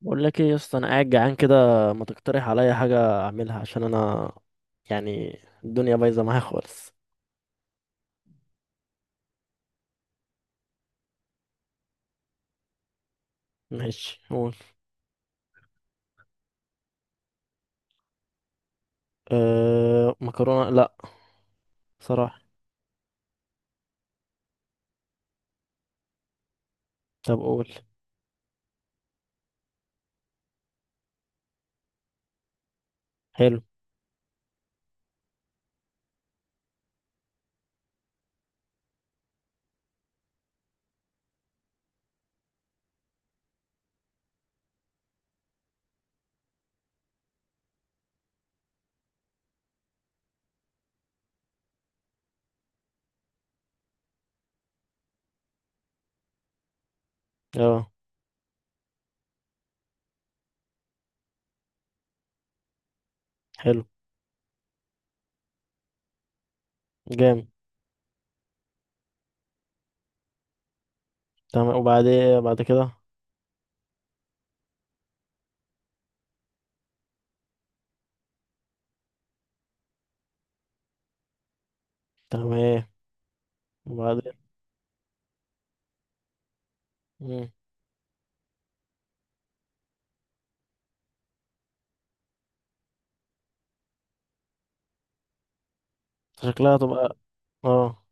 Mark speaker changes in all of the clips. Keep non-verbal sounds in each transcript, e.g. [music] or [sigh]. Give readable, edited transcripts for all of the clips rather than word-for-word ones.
Speaker 1: بقول لك ايه يا اسطى، انا قاعد جعان كده. ما تقترح عليا حاجه اعملها عشان انا الدنيا بايظه معايا خالص. ماشي قول. أه مكرونه؟ لا صراحه. طب قول. حلو. اه حلو جامد. تمام وبعدين بعد كده؟ تمام ايه وبعدين؟ مم. شكلها تبقى اه.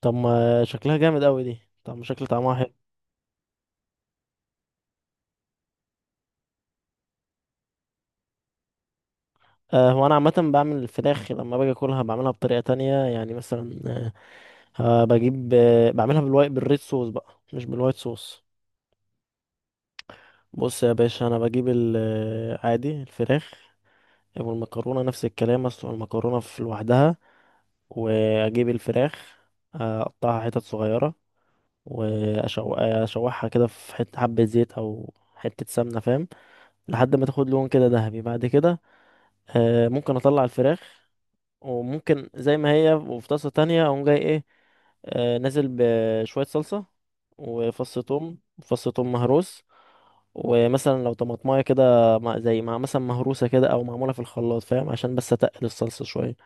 Speaker 1: طب ما شكلها جامد قوي دي، طب ما شكل طعمها حلو. أه هو انا عامه بعمل الفراخ لما باجي اكلها بعملها بطريقه تانية. مثلا ها بجيب، بعملها بالوايت، بالريد صوص بقى مش بالوايت صوص. بص يا باشا، انا بجيب عادي الفراخ والمكرونه نفس الكلام. اسلق المكرونه في لوحدها، واجيب الفراخ اقطعها حتت صغيره، واشوحها كده في حته حبه زيت او حته سمنه فاهم، لحد ما تاخد لون كده ذهبي. بعد كده ممكن اطلع الفراخ، وممكن زي ما هي، وفي طاسة تانية اقوم جاي ايه، نازل بشوية صلصة وفص ثوم، فص ثوم مهروس. ومثلا لو طماطمايه كده زي مع مثلا مهروسة كده او معمولة في الخلاط فاهم، عشان بس اتقل الصلصة شوية.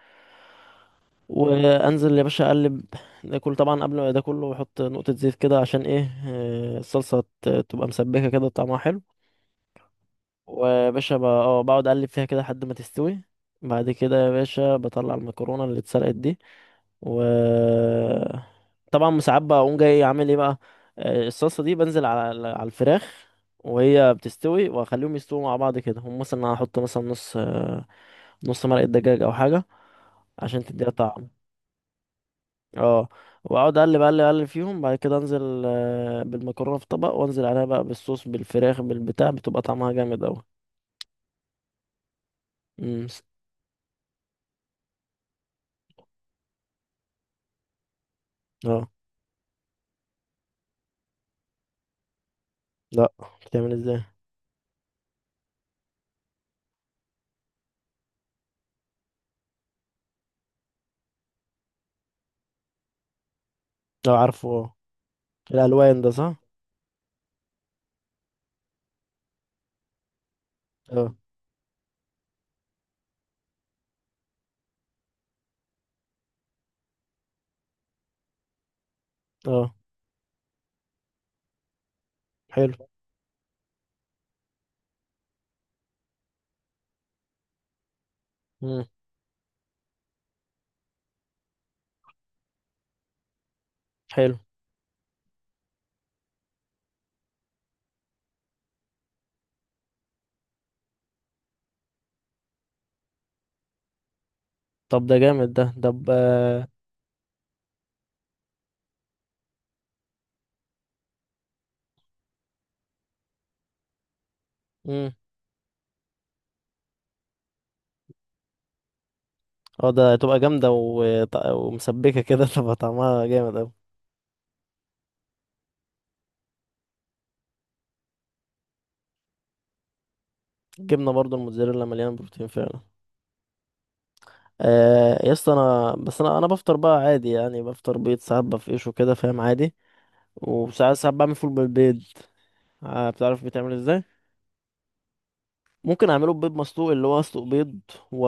Speaker 1: وانزل يا باشا اقلب. ده كله طبعا قبل ما ده كله احط نقطة زيت كده عشان ايه، الصلصة تبقى مسبكة كده طعمها حلو. ويا باشا بقعد اقلب فيها كده لحد ما تستوي. بعد كده يا باشا بطلع المكرونة اللي اتسلقت دي، و طبعا ساعات بقوم جاي عامل ايه بقى، الصلصه دي بنزل على الفراخ وهي بتستوي، واخليهم يستووا مع بعض كده. هم مثلا أنا هحط مثلا نص مرقه دجاج او حاجه عشان تديها طعم. اه، واقعد اقلب اقلب فيهم. بعد كده انزل بالمكرونه في طبق، وانزل عليها بقى بالصوص بالفراخ بالبتاع، بتبقى طعمها جامد اوي. امم. اه. لا، بتعمل ازاي؟ اه عارفه اه. الالوان ده صح. اه. اه. حلو. امم. حلو. طب ده جامد ده. طب آه، مم. اه ده هتبقى جامدة ومسبكة كده [laughs] تبقى طعمها جامد اوي. الجبنة برضو الموتزاريلا مليانة بروتين فعلا. آه يا اسطى، انا بس انا انا بفطر بقى عادي. يعني بفطر بيض ساعات بفقشه كده فاهم عادي. وساعات بعمل فول بالبيض. بتعرف بيتعمل ازاي؟ ممكن اعمله ببيض مسلوق، اللي هو اسلق بيض و...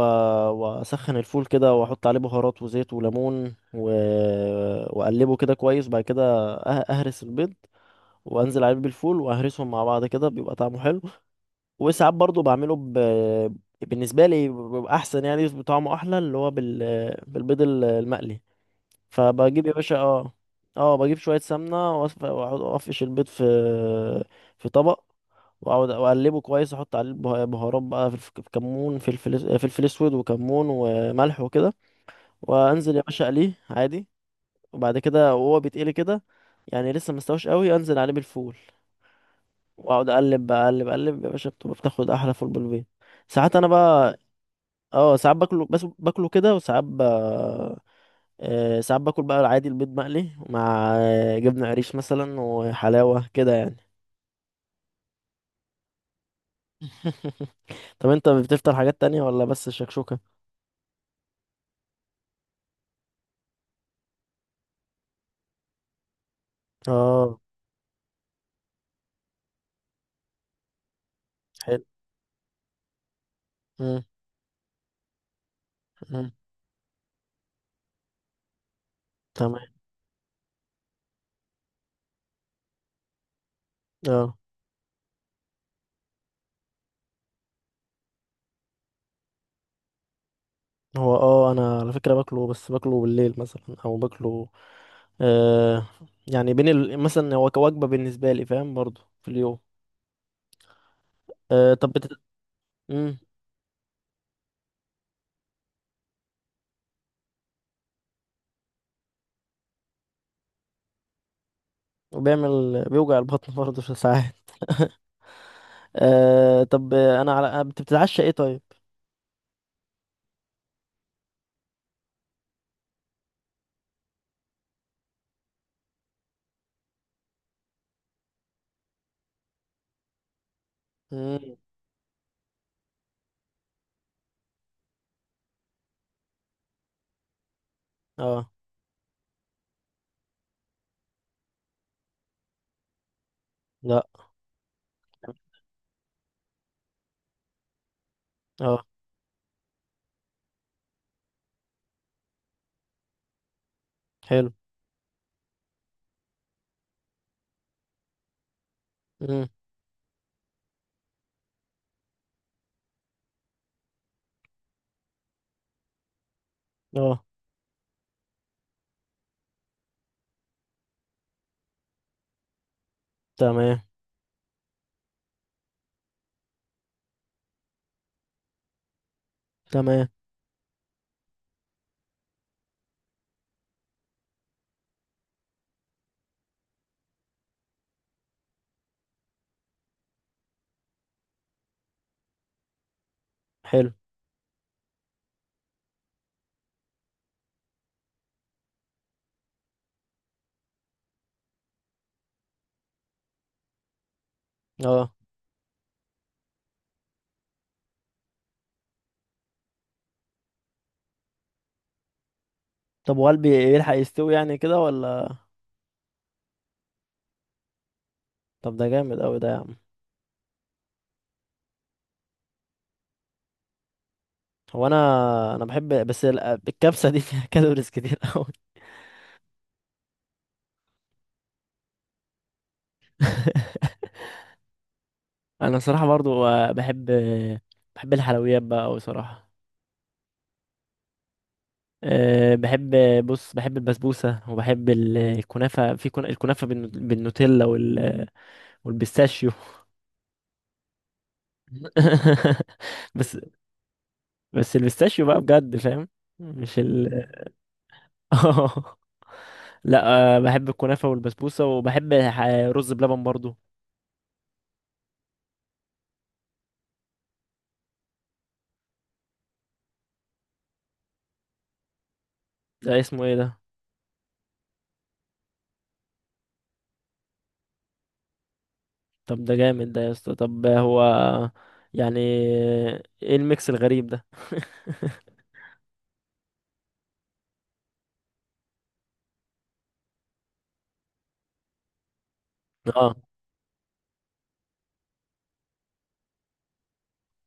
Speaker 1: واسخن الفول كده واحط عليه بهارات وزيت وليمون و... واقلبه كده كويس. بعد كده اهرس البيض وانزل عليه بالفول، واهرسهم مع بعض كده بيبقى طعمه حلو. وساعات برضو بعمله ب... بالنسبه لي بيبقى احسن، يعني بيبقى طعمه احلى، اللي هو بال... المقلي. فبجيب يا باشا اه، اه بجيب شويه سمنه واقعد افقش البيض في في طبق، واقعد اقلبه كويس، احط عليه بهارات بقى، في كمون، فلفل اسود وكمون وملح وكده. وانزل يا باشا اقليه عادي. وبعد كده وهو بيتقلي كده، يعني لسه مستوش قوي، انزل عليه بالفول واقعد اقلب بقى، اقلب يا باشا، بتبقى بتاخد احلى فول بالبيت. ساعات انا بقى اه ساعات باكله، بس باكله كده. وساعات ب... ساعات باكل بقى العادي، البيض مقلي مع جبنة قريش مثلا، وحلاوة كده يعني. [laughs] طب انت بتفطر حاجات تانية ولا بس الشكشوكة؟ اه. حلو. مم، مم. تمام. اه. هو اه انا على فكرة باكله، بس باكله بالليل مثلا، او باكله آه، يعني بين ال... مثلا هو كوجبة بالنسبة لي فاهم، برضو في اليوم. آه طب بت... مم. وبيعمل، بيوجع البطن برضه في ساعات. [laughs] آه طب انا على، انت بتتعشى ايه طيب؟ مم. اه. لا. اه. حلو. مم. اه. تمام. تمام. حلو. اه طب والبي يلحق يستوي يعني كده ولا؟ طب ده جامد قوي ده يا عم. هو انا، بحب بس الكبسة دي فيها [laughs] كالوريز كتير قوي. [laughs] انا صراحة برضو بحب بحب الحلويات بقى قوي صراحة. أه بحب، بص بحب البسبوسة وبحب الكنافة، في الكنافة بالنوتيلا وال، والبيستاشيو. [laughs] بس، بس البيستاشيو بقى بجد فاهم، مش ال. [laughs] اه لا، أه بحب الكنافة والبسبوسة، وبحب رز بلبن برضو. ده اسمه ايه ده؟ طب ده جامد ده يا اسطى. طب هو يعني ايه الميكس الغريب ده؟ اه.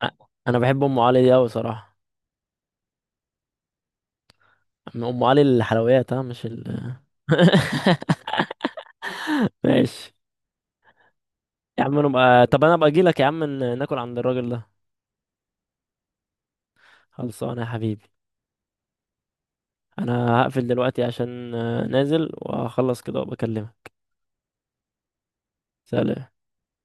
Speaker 1: أ- انا بحب ام علي دي اوي صراحة. ام علي الحلويات، ها مش ال. [laughs] ماشي. يا عم انا بقى... طب انا ابقى اجي لك يا عم ناكل عند الراجل ده. خلصانه يا حبيبي. انا هقفل دلوقتي عشان نازل واخلص كده وبكلمك. سلام.